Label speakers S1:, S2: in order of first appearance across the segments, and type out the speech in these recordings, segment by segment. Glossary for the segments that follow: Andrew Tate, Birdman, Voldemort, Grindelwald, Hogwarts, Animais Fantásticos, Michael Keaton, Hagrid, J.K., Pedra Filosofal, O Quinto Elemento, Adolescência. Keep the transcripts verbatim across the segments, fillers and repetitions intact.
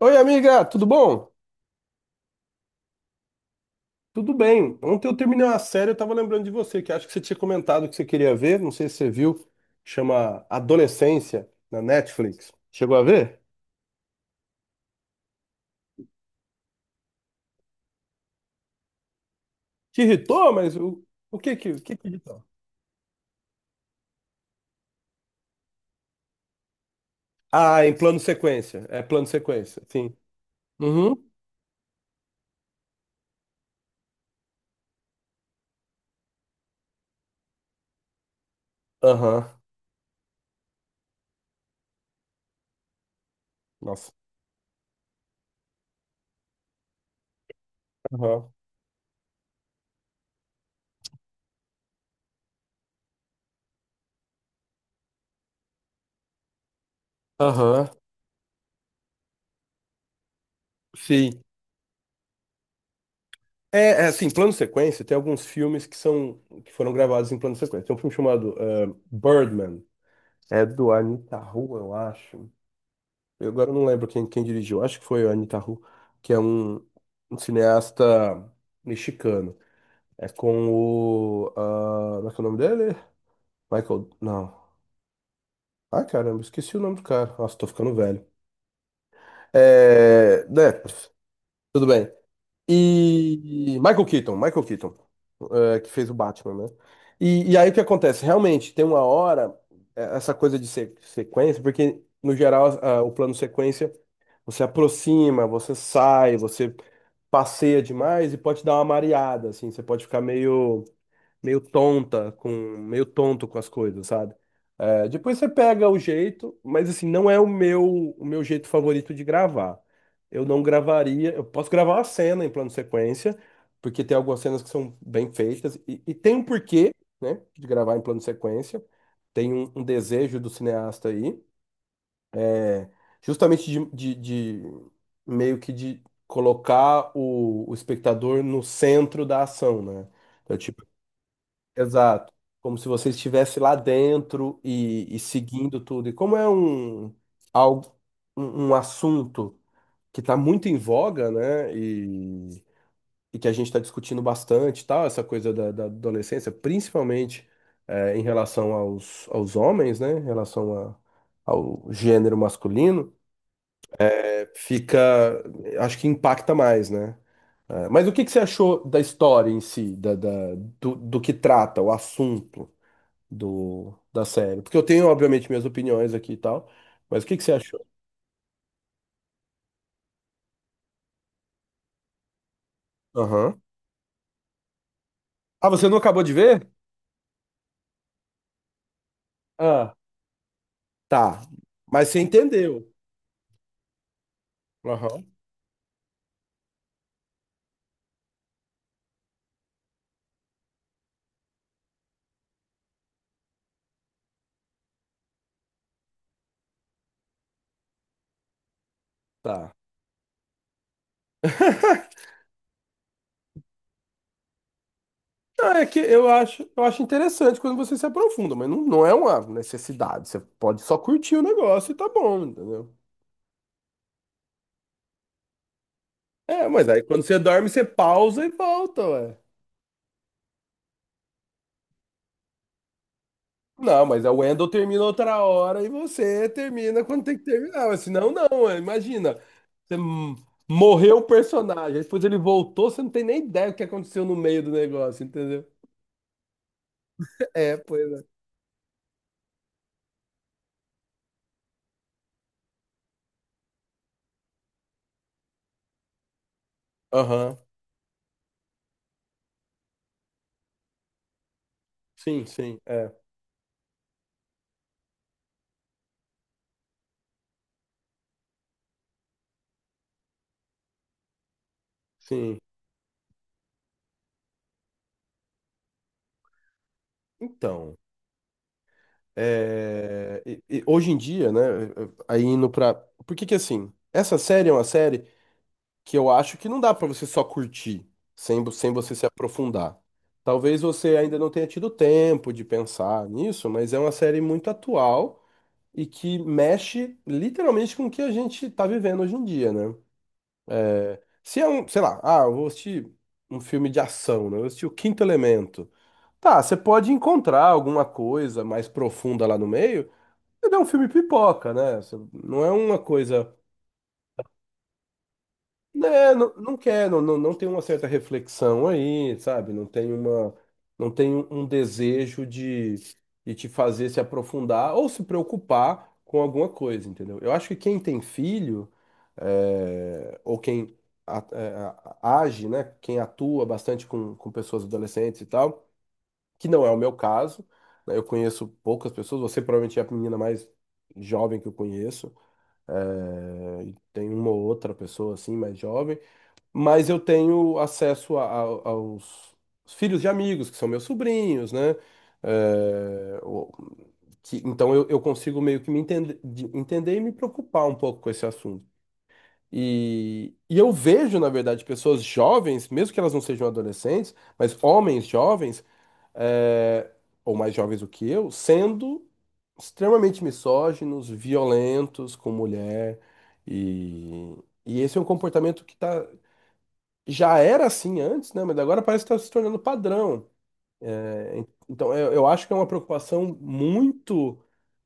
S1: Oi, amiga, tudo bom? Tudo bem. Ontem eu terminei uma série, eu tava lembrando de você, que acho que você tinha comentado que você queria ver, não sei se você viu, chama Adolescência, na Netflix. Chegou a ver? Te irritou, mas o, o que que, o que que irritou? Ah, em plano sequência. É plano sequência, sim. Uhum. Aham. Nossa. Aham. Aham. Sim. É, é assim, plano sequência, tem alguns filmes que são, que foram gravados em plano sequência. Tem um filme chamado eh, Birdman. É do Anita Rua, eu acho. Eu agora não lembro quem, quem dirigiu, acho que foi o Anitaru, que é um, um cineasta mexicano. É com o. Ah, como é que é o nome dele? Michael. Não. Ai, caramba, esqueci o nome do cara. Nossa, tô ficando velho. É. Né. Tudo bem. E Michael Keaton, Michael Keaton, eh, que fez o Batman, né? E, e aí o que acontece? Realmente, tem uma hora, eh, essa coisa de se- sequência, porque no geral ah, o plano sequência você aproxima, você sai, você passeia demais e pode dar uma mareada, assim, você pode ficar meio meio tonta com meio tonto com as coisas, sabe? É, depois você pega o jeito, mas assim, não é o meu o meu jeito favorito de gravar. Eu não gravaria, eu posso gravar uma cena em plano sequência, porque tem algumas cenas que são bem feitas e, e tem um porquê, né, de gravar em plano sequência. Tem um, um desejo do cineasta aí, é, justamente de, de, de- meio que de colocar o, o espectador no centro da ação, né? Então, tipo, exato. Como se você estivesse lá dentro e, e seguindo tudo. E como é um, algo, um, um assunto que está muito em voga, né? E, e que a gente está discutindo bastante, e tal, essa coisa da, da adolescência, principalmente eh, em relação aos, aos homens, né? Em relação a- ao gênero masculino, eh, fica, acho que impacta mais, né? Eh, mas o que que você achou da história em si, da, da- do, do que trata, o assunto? Do, da série? Porque eu tenho, obviamente, minhas opiniões aqui e tal, mas o que que você achou? Aham. Ah, você não acabou de ver? Ah, tá. Mas você entendeu. Aham. Tá. Não, é que eu acho, eu acho interessante quando você se aprofunda, mas não, não é uma necessidade. Você pode só curtir o negócio e tá bom, entendeu? É, mas aí quando você dorme, você pausa e volta, ué. Não, mas a Wendell termina outra hora e você termina quando tem que terminar. Mas senão, não. É, imagina. Você m- Morreu o personagem. Depois ele voltou, você não tem nem ideia o que aconteceu no meio do negócio, entendeu? É, pois é. Aham. Sim, sim. É. Sim. Então, é, e- e hoje em dia, né? Aí indo pra. Por que que assim? Essa série é uma série. Que eu acho que não dá pra você só curtir, sem, vo- sem você se aprofundar. Talvez você ainda não tenha tido tempo de pensar nisso, mas é uma série muito atual e que mexe literalmente com o que a gente tá vivendo hoje em dia, né? Se é um, sei lá, ah, eu vou assistir um filme de ação, né? Eu vou assistir O Quinto Elemento. Tá, você pode encontrar alguma coisa mais profunda lá no meio, mas é um filme pipoca, né? Você. Não é uma coisa. Né, não, não quer, não, não, não tem uma certa reflexão aí, sabe? Não tem uma, não tem um desejo de, de te fazer se aprofundar ou se preocupar com alguma coisa, entendeu? Eu acho que quem tem filho, é, ou quem a- é, a- age, né? Quem atua bastante com, com pessoas adolescentes e tal, que não é o meu caso, né? Eu conheço poucas pessoas, você provavelmente é a menina mais jovem que eu conheço, é, e tem uma ou outra pessoa assim mais jovem mas eu tenho acesso a- a- aos filhos de amigos, que são meus sobrinhos, né? É, o- que- então eu, eu consigo meio que me entender, de- entender e me preocupar um pouco com esse assunto. E, e eu vejo, na verdade, pessoas jovens, mesmo que elas não sejam adolescentes, mas homens jovens, é, ou mais jovens do que eu, sendo extremamente misóginos, violentos com mulher. E, e esse é um comportamento que tá já era assim antes, né? Mas agora parece que está se tornando padrão. É. Então, eu, eu acho que é uma preocupação muito,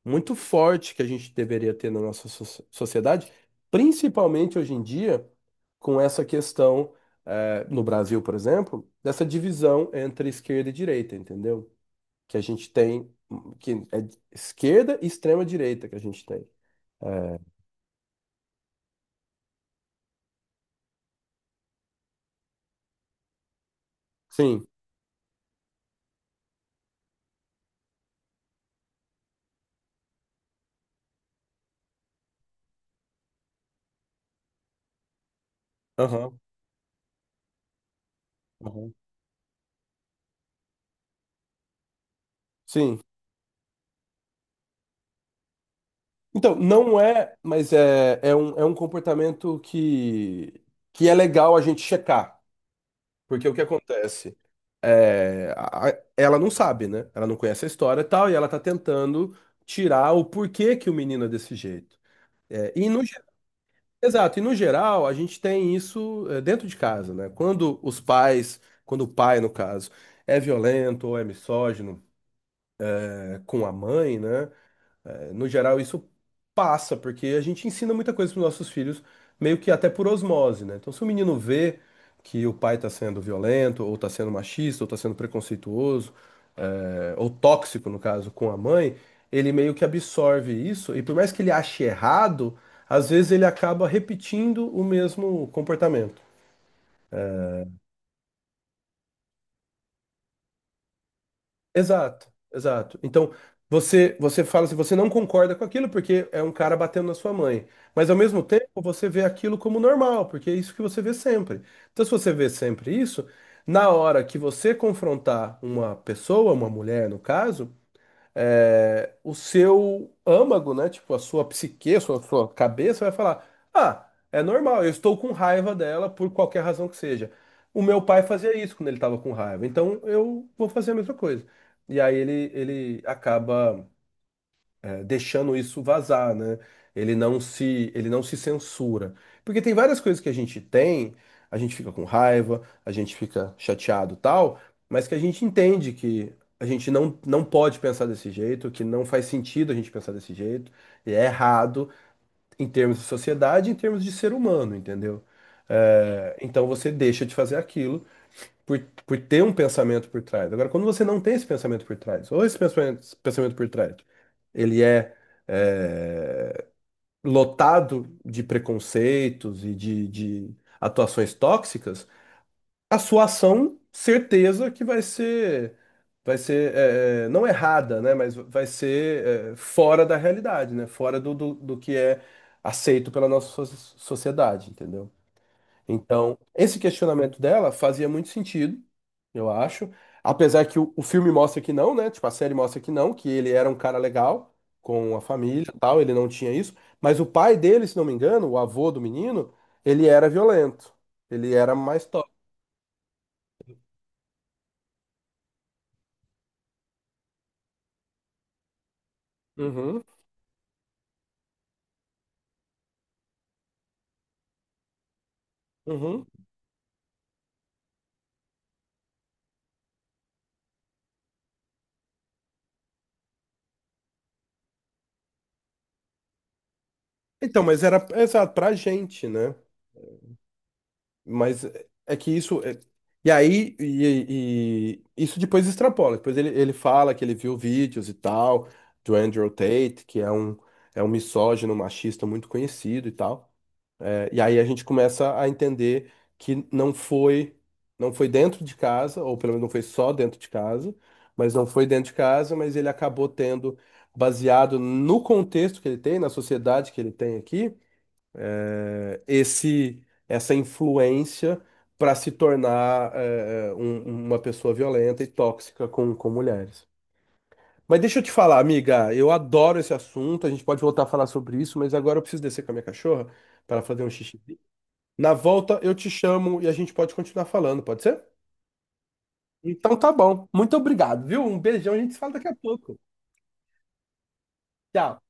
S1: muito forte que a gente deveria ter na nossa so- sociedade, principalmente hoje em dia, com essa questão, eh, no Brasil, por exemplo, dessa divisão entre esquerda e direita, entendeu? Que a gente tem, que é esquerda e extrema direita que a gente tem. Sim. Aham, aham. Sim. Então, não é, mas é, é um, é um comportamento que, que é legal a gente checar. Porque o que acontece? É, a- a- ela não sabe, né? Ela não conhece a história e tal, e ela tá tentando tirar o porquê que o menino é desse jeito. É, e no, ge- Exato, e no geral, a gente tem isso é, dentro de casa, né? Quando os pais, quando o pai, no caso, é violento ou é misógino, é, com a mãe, né? Eh, no geral, isso passa, porque a gente ensina muita coisa para nossos filhos, meio que até por osmose, né? Então, se o menino vê que o pai está sendo violento, ou está sendo machista, ou está sendo preconceituoso, é, ou tóxico, no caso, com a mãe, ele meio que absorve isso, e por mais que ele ache errado, às vezes ele acaba repetindo o mesmo comportamento. Exato, exato. Então, você você fala se você não concorda com aquilo porque é um cara batendo na sua mãe, mas ao mesmo tempo você vê aquilo como normal, porque é isso que você vê sempre. Então, se você vê sempre isso, na hora que você confrontar uma pessoa, uma mulher no caso, é, o seu âmago, né? Tipo, a sua psique, a sua, sua cabeça vai falar: ah, é normal, eu estou com raiva dela por qualquer razão que seja. O meu pai fazia isso quando ele estava com raiva, então eu vou fazer a mesma coisa. E aí ele, ele acaba deixando isso vazar, né? Ele não se, ele não se censura. Porque tem várias coisas que a gente tem, a gente fica com raiva, a gente fica chateado, e tal, mas que a gente entende que a gente não, não pode pensar desse jeito, que não faz sentido a gente pensar desse jeito, e é errado em termos de sociedade, em termos de ser humano, entendeu? É, então você deixa de fazer aquilo por, por ter um pensamento por trás. Agora, quando você não tem esse pensamento por trás, ou esse pensamento, esse pensamento por trás, ele é, é, lotado de preconceitos e de, de atuações tóxicas, a sua ação, certeza que vai ser, vai ser é, é, não errada, né? Mas vai ser é, fora da realidade, né? Fora do, do, do que é aceito pela nossa so- sociedade, entendeu? Então, esse questionamento dela fazia muito sentido, eu acho. Apesar que o, o filme mostra que não, né? Tipo, a série mostra que não, que ele era um cara legal com a família, e tal, ele não tinha isso, mas o pai dele, se não me engano, o avô do menino, ele era violento. Ele era mais top. Uhum, uhum. Então, mas era exato pra gente, né? Mas é que isso. É. E aí, e, e- isso depois extrapola. Depois ele, ele fala que ele viu vídeos e tal, do Andrew Tate, que é um, é um misógino, machista muito conhecido e tal. É. E aí a gente começa a entender que não foi, não foi dentro de casa, ou pelo menos não foi só dentro de casa, mas não foi dentro de casa, mas ele acabou tendo, baseado no contexto que ele tem, na sociedade que ele tem aqui esse essa influência para se tornar eh, eh, um- uma pessoa violenta e tóxica com, com mulheres. Mas deixa eu te falar, amiga, eu adoro esse assunto, a gente pode voltar a falar sobre isso, mas agora eu preciso descer com a minha cachorra para fazer um xixi. Na volta eu te chamo e a gente pode continuar falando, pode ser? Então tá bom. Muito obrigado, viu? Um beijão, a gente se fala daqui a pouco. Tchau.